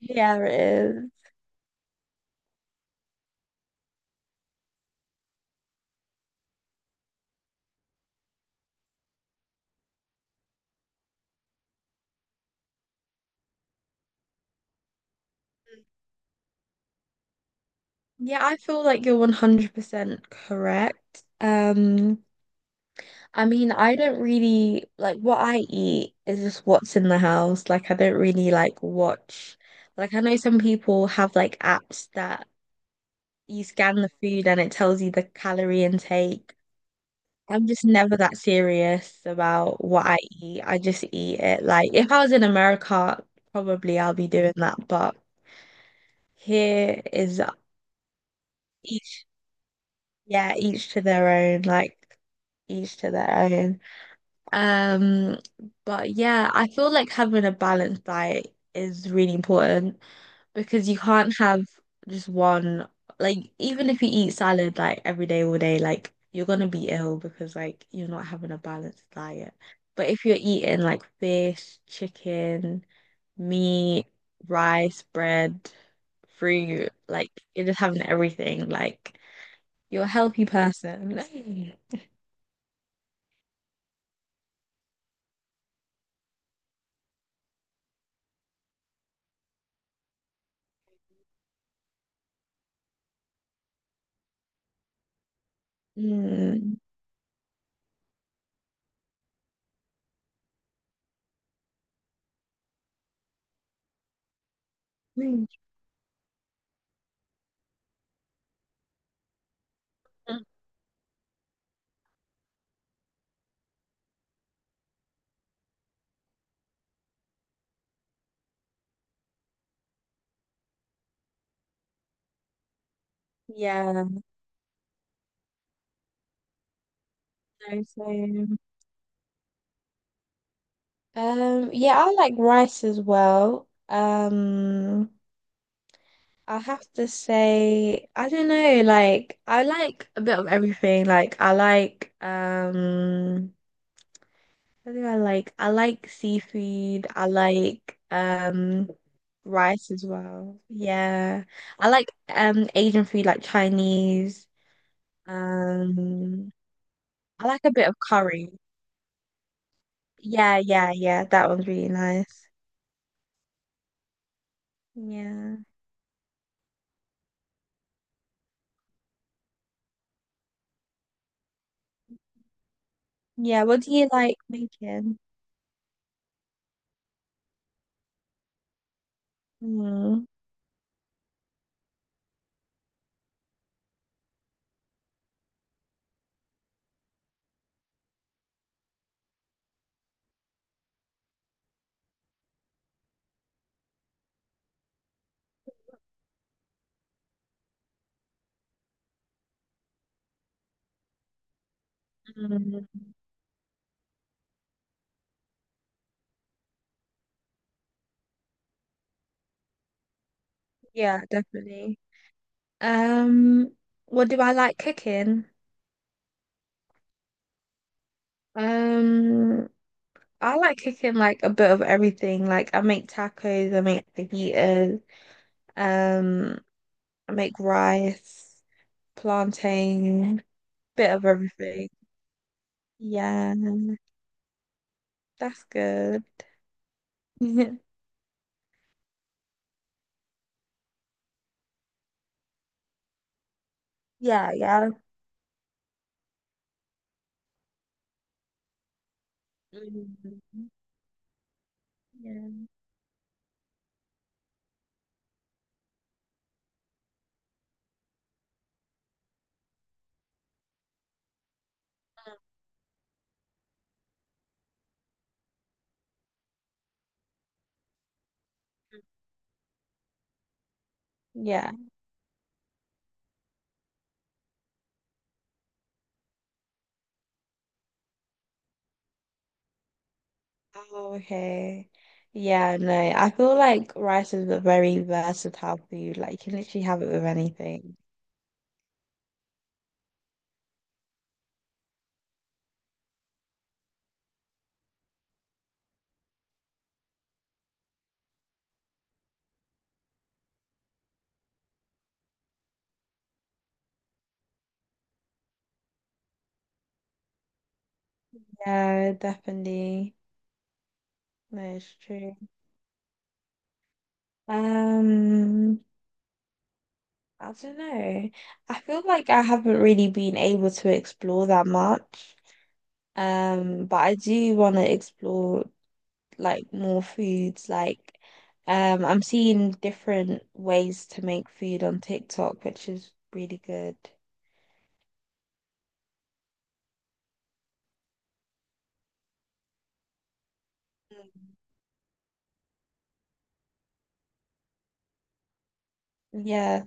Yeah, it is. Yeah, I feel like you're 100% correct. I mean, I don't really like what I eat is just what's in the house. Like, I don't really like watch. Like, I know some people have like apps that you scan the food and it tells you the calorie intake. I'm just never that serious about what I eat. I just eat it. Like, if I was in America, probably I'll be doing that. But here is each. Yeah, each to their own, like each to their own. Um, but yeah, I feel like having a balanced diet is really important because you can't have just one, like even if you eat salad like every day, all day, like you're gonna be ill because like you're not having a balanced diet. But if you're eating like fish, chicken, meat, rice, bread, fruit, like you're just having everything, like you're a healthy person. Mm. Mm. Yeah. So, so, yeah, I like rice as well. I have to say, I don't know, like I like a bit of everything. Like I like what do I like? I like seafood. I like rice as well. Yeah. I like Asian food like Chinese. Um I like a bit of curry. Yeah, yeah, yeah. That one's really nice. Yeah. Yeah, what do you like making? Mm, mm, yeah, definitely. Um, what do I like cooking? Um, I like cooking like a bit of everything. Like I make tacos, I make fajitas, um, I make rice, plantain, bit of everything. Yeah, that's good. Yeah, yeah. Mm. Yeah. Yeah. Oh, okay. Yeah, no, I feel like rice is a very versatile food. Like you can literally have it with anything. Yeah, definitely. No, it's true. Um, I don't know. I feel like I haven't really been able to explore that much. But I do want to explore like more foods. Like, I'm seeing different ways to make food on TikTok, which is really good. Yeah.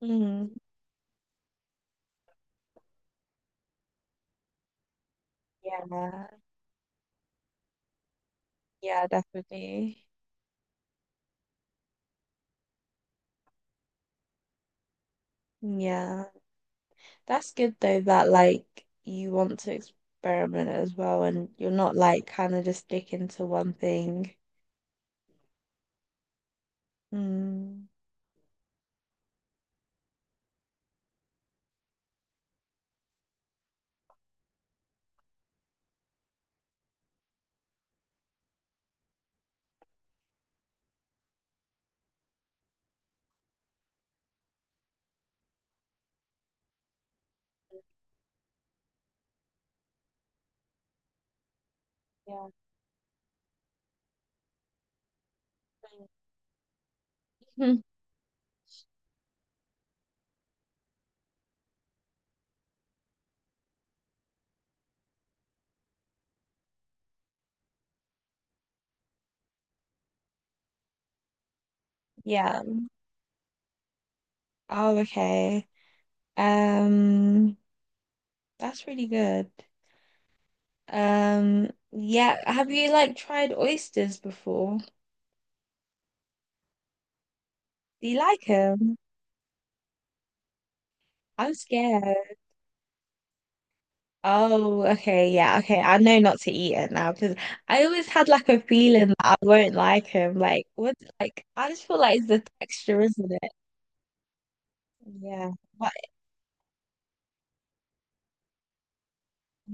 Mm. Yeah. Yeah, definitely. Yeah. That's good though that like you want to experiment as well and you're not like kind of just sticking to one thing. Mm. Yeah. Mm. Yeah. Oh, okay. Um, that's really good. Yeah, have you like tried oysters before? Do you like them? I'm scared. Oh, okay, yeah, okay. I know not to eat it now because I always had like a feeling that I won't like him. Like, what? Like, I just feel like it's the texture, isn't it? Yeah, but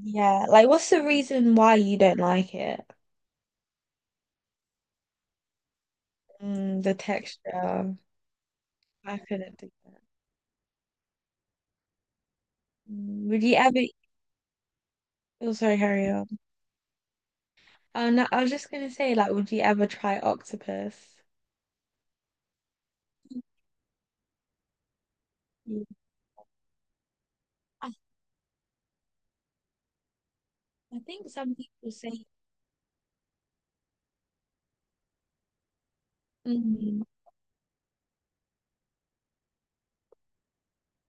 yeah, like, what's the reason why you don't like it? Mm, the texture. I couldn't do that. Mm, would you ever? Oh, sorry, carry on. Oh no, I was just gonna say, like, would you ever try octopus? Mm. I, I think some people say, mm,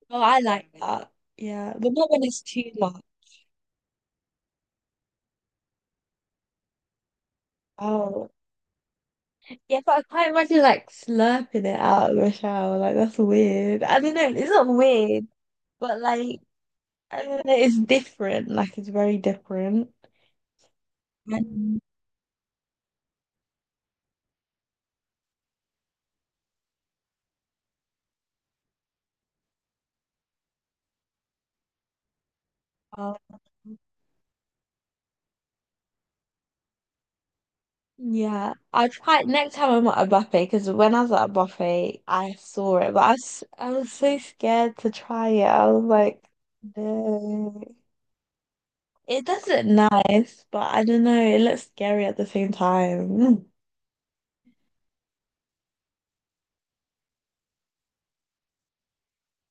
oh, I like that. Yeah, but not when it's too much. Oh, yeah, but I can't imagine like slurping it out of a shower. Like that's weird. I don't know. It's not weird, but like I don't know. It's different. Like it's very different. And um, yeah, I'll try it next time I'm at a buffet because when I was at a buffet, I saw it, but I was so scared to try it. I was like, no, it doesn't nice, but I don't know. It looks scary at the same time.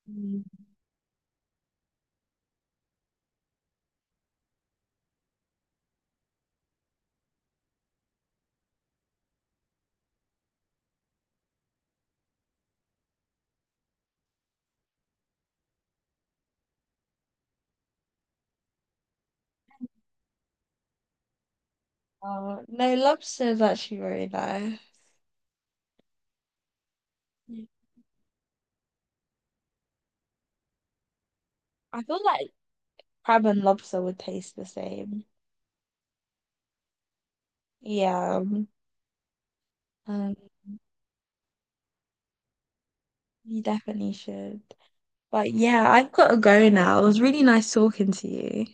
Oh, no, lobster is actually really nice. Yeah. I feel like crab and lobster would taste the same. Yeah, um, you definitely should. But yeah, I've got to go now. It was really nice talking to you.